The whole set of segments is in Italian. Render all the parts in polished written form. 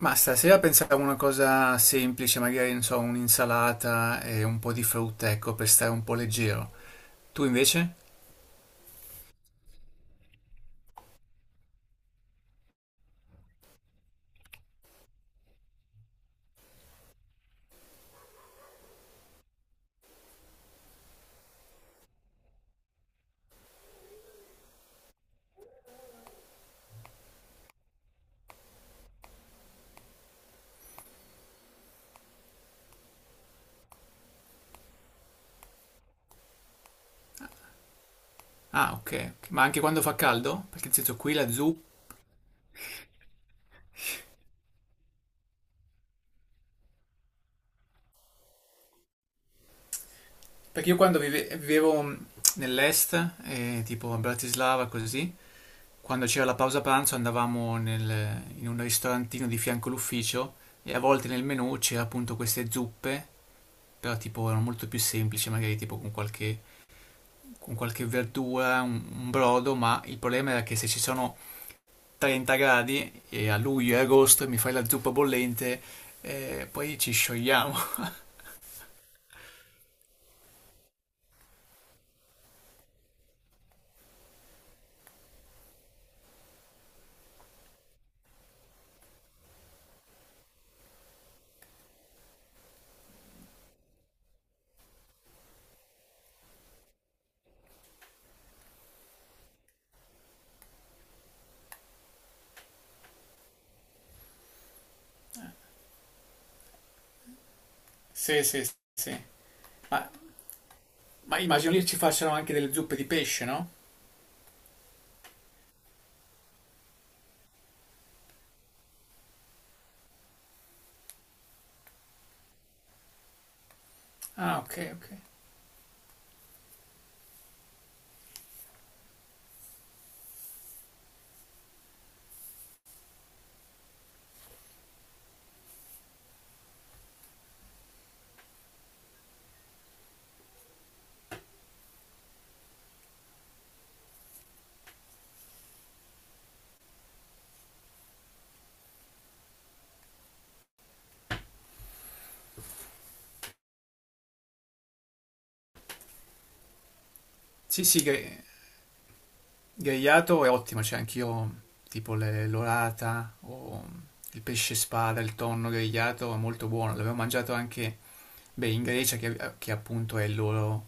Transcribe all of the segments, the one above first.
Ma stasera pensavo a una cosa semplice, magari, non so, un'insalata e un po' di frutta, ecco, per stare un po' leggero. Tu invece? Ah, ok. Ok. Ma anche quando fa caldo? Perché nel senso qui la zuppa... Perché io vivevo nell'est, tipo a Bratislava, così, quando c'era la pausa pranzo andavamo in un ristorantino di fianco all'ufficio e a volte nel menù c'era appunto queste zuppe, però tipo erano molto più semplici, magari tipo con qualche verdura, un brodo, ma il problema era che se ci sono 30 gradi e a luglio e agosto mi fai la zuppa bollente, poi ci sciogliamo. Sì, sì, sì. Ma, ma immagino lì ci facciano anche delle zuppe di pesce, no? Ah, ok, ok. Sì, sì, grigliato è ottimo, c'è anch'io tipo l'orata o il pesce spada, il tonno grigliato è molto buono, l'avevo mangiato anche, beh, in Grecia che appunto è il loro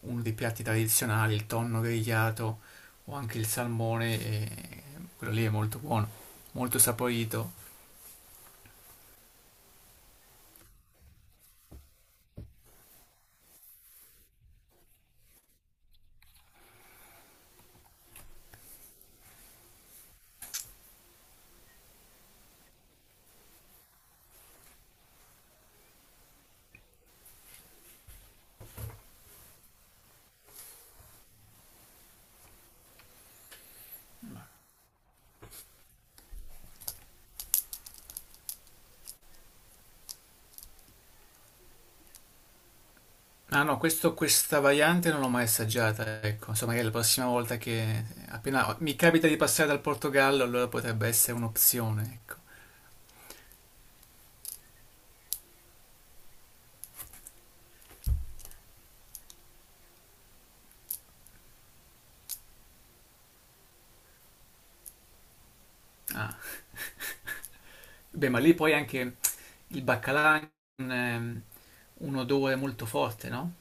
uno dei piatti tradizionali, il tonno grigliato o anche il salmone, e quello lì è molto buono, molto saporito. Ah no, questa variante non l'ho mai assaggiata, ecco, insomma magari la prossima volta che appena mi capita di passare dal Portogallo, allora potrebbe essere un'opzione, ecco. Ah. Beh, ma lì poi anche il baccalà ha un, ehm, un odore molto forte, no?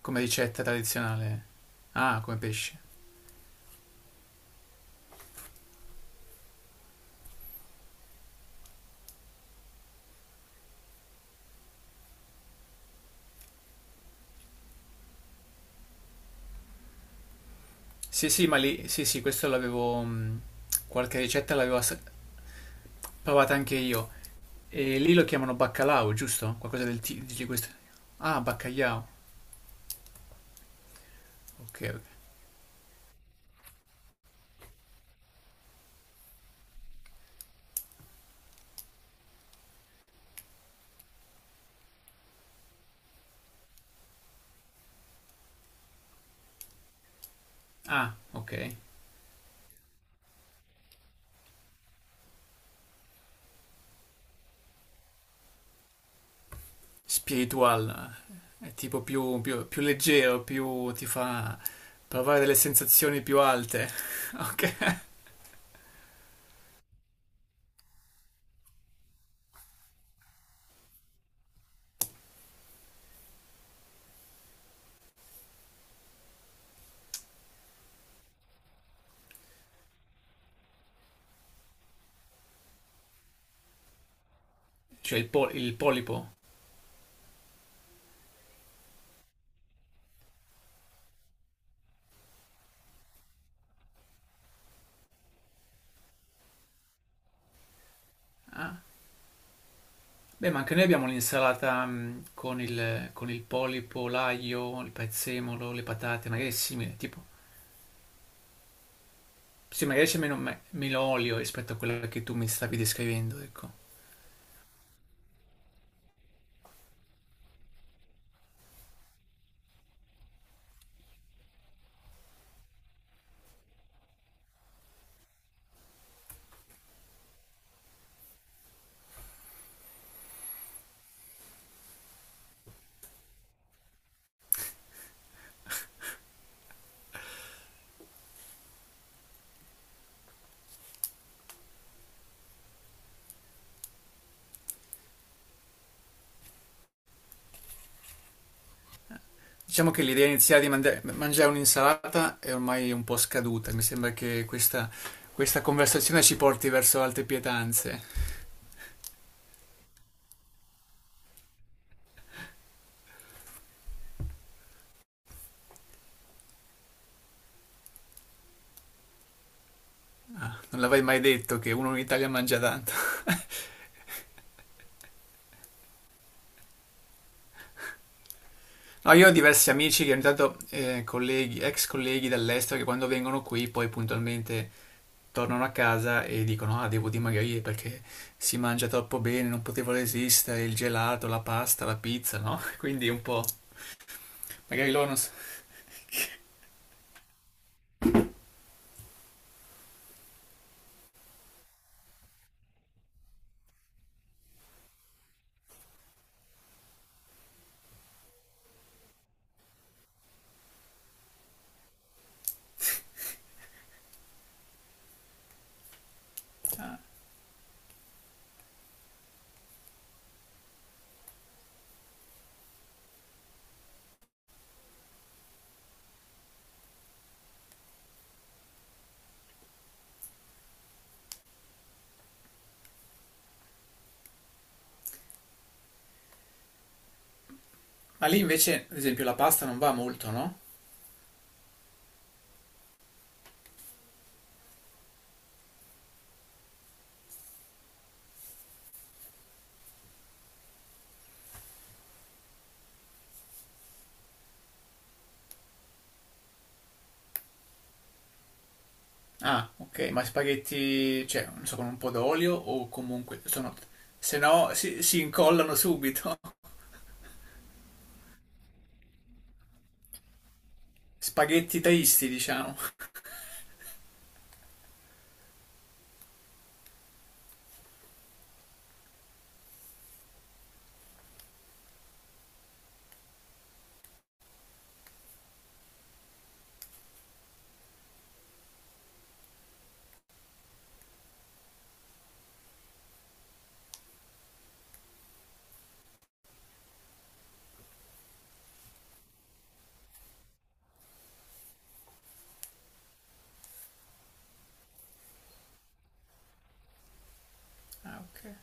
Come ricetta tradizionale. Ah, come pesce. Sì, sì, ma lì, sì, sì, questo l'avevo, qualche ricetta l'avevo assaggiata. Provate anche io. E lì lo chiamano baccalao, giusto? Qualcosa di questo. Ah, baccagliao. Ok, ok. Ah, ok. Spiritual. Eh, è tipo più, più leggero, più ti fa provare delle sensazioni più alte. Ok. Cioè il, il polipo. Ah. Beh, ma anche noi abbiamo l'insalata mm, con il polipo, l'aglio, il prezzemolo, le patate, magari è simile, tipo. Sì, magari c'è meno, meno olio rispetto a quella che tu mi stavi descrivendo, ecco. Diciamo che l'idea iniziale di mangiare un'insalata è ormai un po' scaduta, mi sembra che questa conversazione ci porti verso altre pietanze. Non l'avrei mai detto che uno in Italia mangia tanto. No, io ho diversi amici che ogni tanto, colleghi, ex colleghi dall'estero, che quando vengono qui poi puntualmente tornano a casa e dicono ah, devo dimagrire perché si mangia troppo bene, non potevo resistere, il gelato, la pasta, la pizza, no? Quindi un po'... Magari loro non... S- ma lì invece, ad esempio, la pasta non va molto, no? Ah, ok, ma spaghetti, cioè, non so, con un po' d'olio o comunque sono... Se no, si incollano subito. Spaghetti taisti, diciamo. Ah, ok.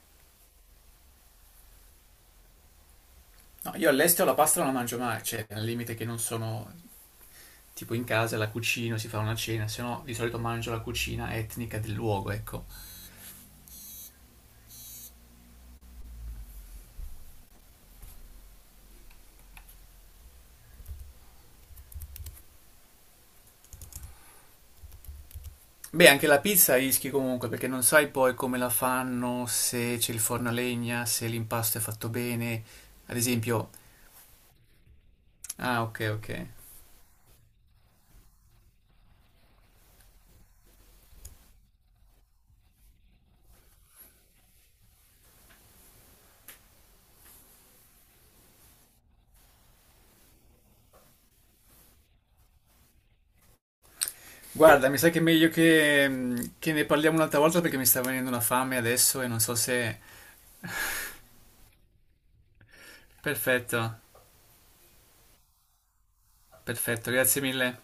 No, io all'estero la pasta non la mangio mai, cioè, al limite che non sono... Tipo in casa la cucino, si fa una cena, se no di solito mangio la cucina etnica del luogo, ecco. Beh, anche la pizza rischi comunque, perché non sai poi come la fanno, se c'è il forno a legna, se l'impasto è fatto bene. Ad esempio... Ah, ok, ok. Guarda, mi sa che è meglio che, che ne parliamo un'altra volta perché mi sta venendo una fame adesso e non so se... Perfetto, perfetto, grazie mille.